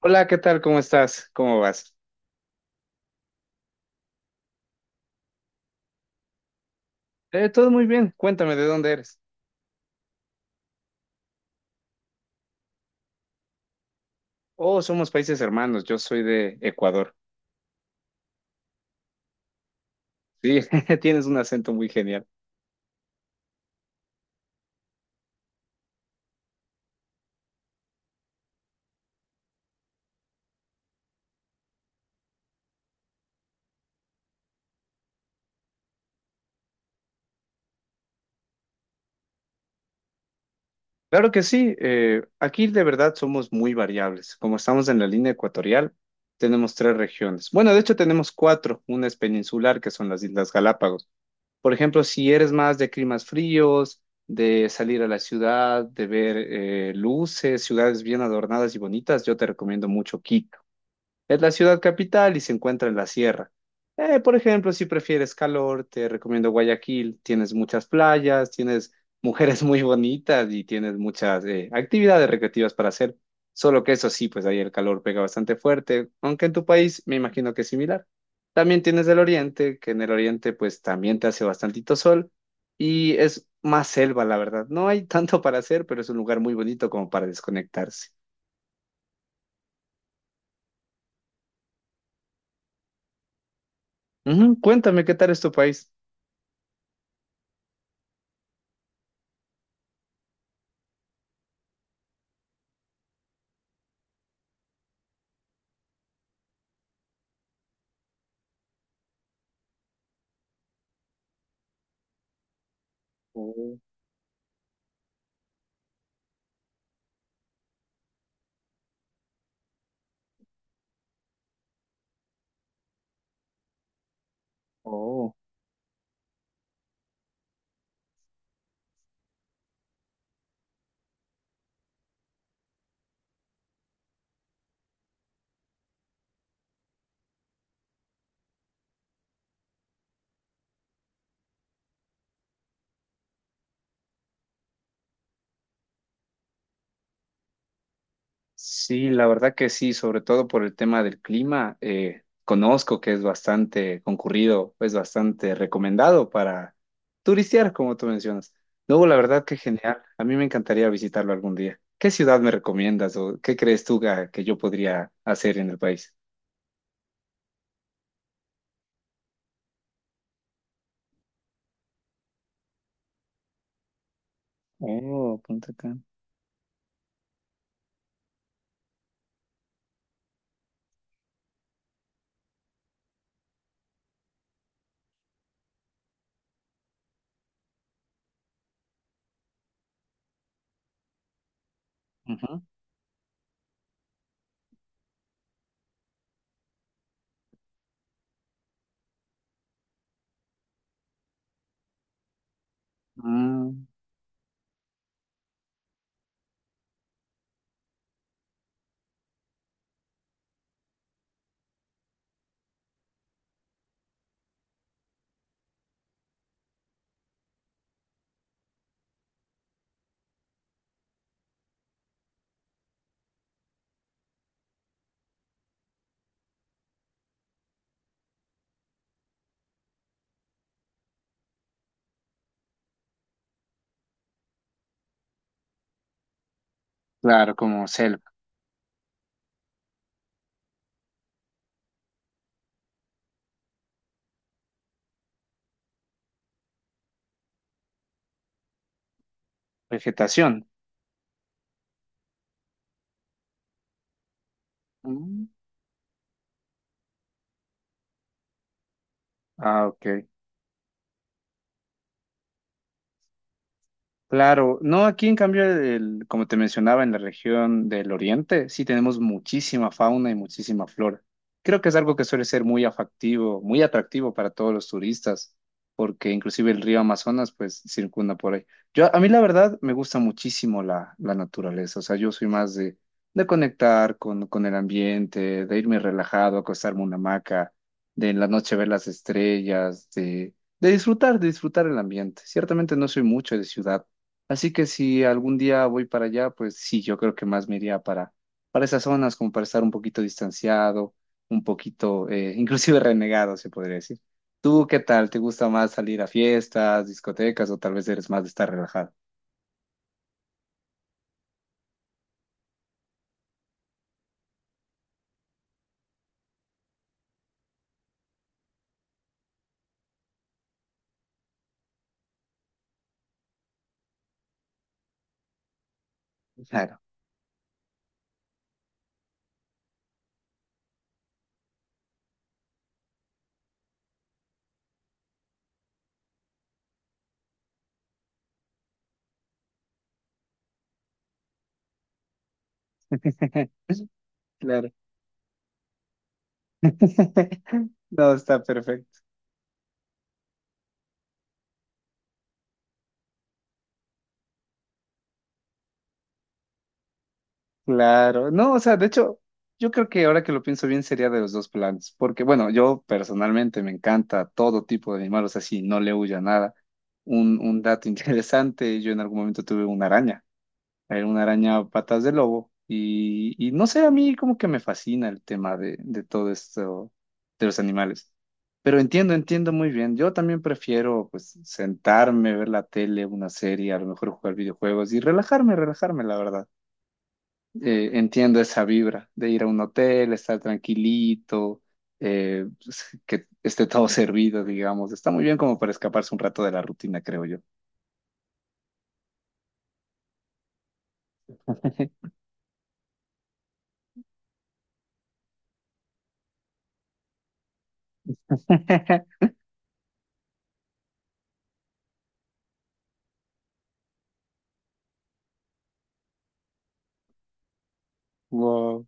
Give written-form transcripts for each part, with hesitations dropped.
Hola, ¿qué tal? ¿Cómo estás? ¿Cómo vas? Todo muy bien. Cuéntame, ¿de dónde eres? Oh, somos países hermanos. Yo soy de Ecuador. Sí, tienes un acento muy genial. Claro que sí. Aquí de verdad somos muy variables. Como estamos en la línea ecuatorial, tenemos tres regiones. Bueno, de hecho tenemos cuatro. Una es peninsular, que son las Islas Galápagos. Por ejemplo, si eres más de climas fríos, de salir a la ciudad, de ver luces, ciudades bien adornadas y bonitas, yo te recomiendo mucho Quito. Es la ciudad capital y se encuentra en la sierra. Por ejemplo, si prefieres calor, te recomiendo Guayaquil. Tienes muchas playas, tienes mujeres muy bonitas y tienes muchas actividades recreativas para hacer. Solo que eso sí, pues ahí el calor pega bastante fuerte, aunque en tu país me imagino que es similar. También tienes el oriente, que en el oriente pues también te hace bastantito sol y es más selva, la verdad. No hay tanto para hacer, pero es un lugar muy bonito como para desconectarse. Ujú, cuéntame, ¿qué tal es tu país? Oh, sí, la verdad que sí, sobre todo por el tema del clima. Conozco que es bastante concurrido, es bastante recomendado para turistear, como tú mencionas. Luego, la verdad que genial. A mí me encantaría visitarlo algún día. ¿Qué ciudad me recomiendas o qué crees tú que, yo podría hacer en el país? Oh, Punta Cana. Ujú. Ah, claro, como selva, vegetación. Mm. Ah, ok. Claro, no, aquí en cambio, el- como te mencionaba, en la región del oriente sí tenemos muchísima fauna y muchísima flora. Creo que es algo que suele ser muy afectivo, muy atractivo para todos los turistas, porque inclusive el río Amazonas pues circunda por ahí. Yo, a mí la verdad me gusta muchísimo la naturaleza, o sea, yo soy más de conectar con el ambiente, de irme relajado, acostarme en una hamaca, de en la noche ver las estrellas, de disfrutar el ambiente. Ciertamente no soy mucho de ciudad. Así que si algún día voy para allá, pues sí, yo creo que más me iría para esas zonas, como para estar un poquito distanciado, un poquito, inclusive renegado, se podría decir. ¿Tú qué tal? ¿Te gusta más salir a fiestas, discotecas o tal vez eres más de estar relajado? Claro, claro. No, está perfecto. Claro, no, o sea, de hecho, yo creo que ahora que lo pienso bien sería de los dos planes, porque bueno, yo personalmente me encanta todo tipo de animales, o sea, sí, no le huyo a nada. Un dato interesante, yo en algún momento tuve una araña, era una araña patas de lobo, y no sé, a mí como que me fascina el tema de todo esto de los animales. Pero entiendo, entiendo muy bien. Yo también prefiero pues sentarme, ver la tele, una serie, a lo mejor jugar videojuegos y relajarme, relajarme, la verdad entiendo esa vibra de ir a un hotel, estar tranquilito, pues, que esté todo servido, digamos. Está muy bien como para escaparse un rato de la rutina, creo yo. Wow.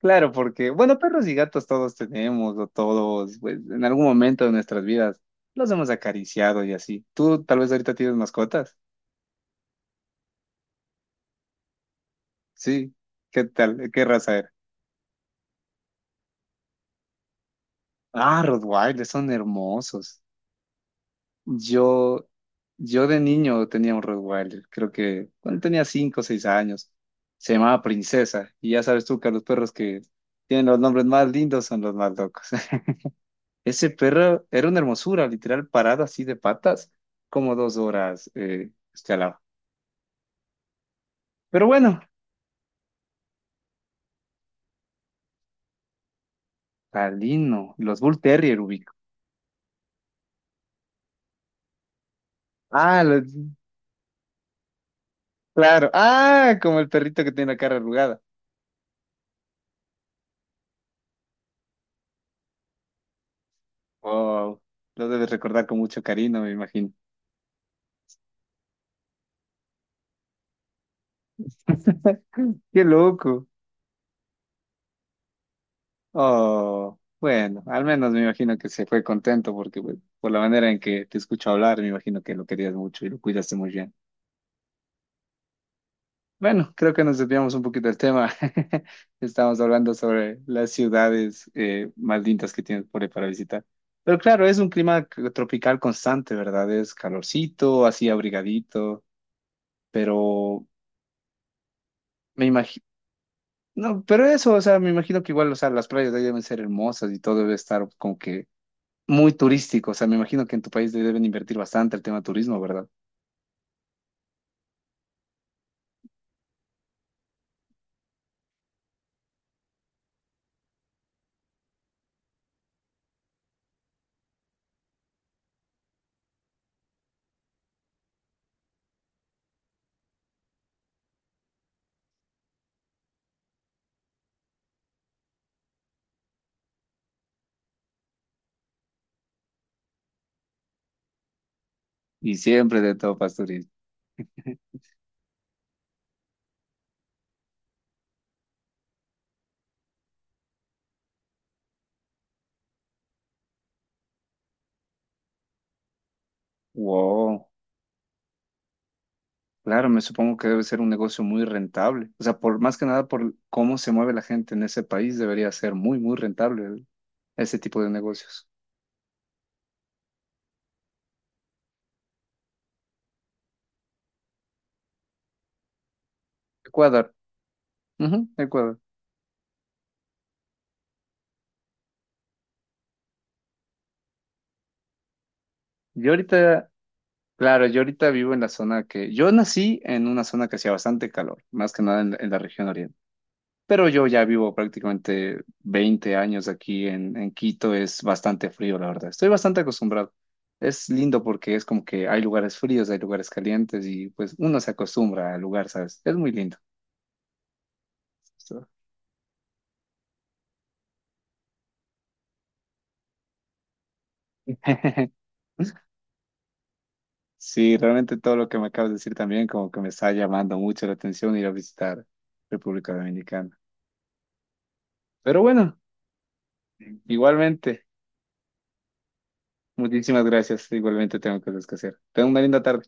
Claro, porque, bueno, perros y gatos todos tenemos, o todos, pues, en algún momento de nuestras vidas los hemos acariciado y así. Tú tal vez ahorita tienes mascotas. Sí. ¿Qué tal? ¿Qué raza era? Ah, Rottweilers son hermosos. Yo, yo de niño tenía un Rottweiler, creo que cuando tenía 5 o 6 años, se llamaba Princesa, y ya sabes tú que los perros que tienen los nombres más lindos son los más locos. Ese perro era una hermosura, literal parado así de patas, como 2 horas este al lado. Pero bueno, Talino, los Bull Terrier ubico. Ah, los- claro, ah, como el perrito que tiene la cara arrugada. Wow, lo debes recordar con mucho cariño, me imagino. Qué loco. Oh, bueno, al menos me imagino que se fue contento porque pues, por la manera en que te escucho hablar, me imagino que lo querías mucho y lo cuidaste muy bien. Bueno, creo que nos desviamos un poquito del tema. Estamos hablando sobre las ciudades más lindas que tienes por ahí para visitar. Pero claro, es un clima tropical constante, ¿verdad? Es calorcito, así abrigadito, pero me imagino, no, pero eso, o sea, me imagino que igual, o sea, las playas de ahí deben ser hermosas y todo debe estar como que muy turístico. O sea, me imagino que en tu país deben invertir bastante el tema turismo, ¿verdad? Y siempre de topas turismo. Wow. Claro, me supongo que debe ser un negocio muy rentable. O sea, por más que nada por cómo se mueve la gente en ese país, debería ser muy, muy rentable el- ese tipo de negocios. Ecuador. Ujú, Ecuador. Yo ahorita, claro, yo ahorita vivo en la zona que, yo nací en una zona que hacía bastante calor, más que nada en la región oriental. Pero yo ya vivo prácticamente 20 años aquí en Quito, es bastante frío, la verdad. Estoy bastante acostumbrado. Es lindo porque es como que hay lugares fríos, hay lugares calientes y pues uno se acostumbra al lugar, ¿sabes? Es muy lindo. So- Sí, realmente todo lo que me acabas de decir también como que me está llamando mucho la atención ir a visitar República Dominicana. Pero bueno, igualmente, muchísimas gracias. Igualmente tengo cosas que hacer. Tengo una linda tarde.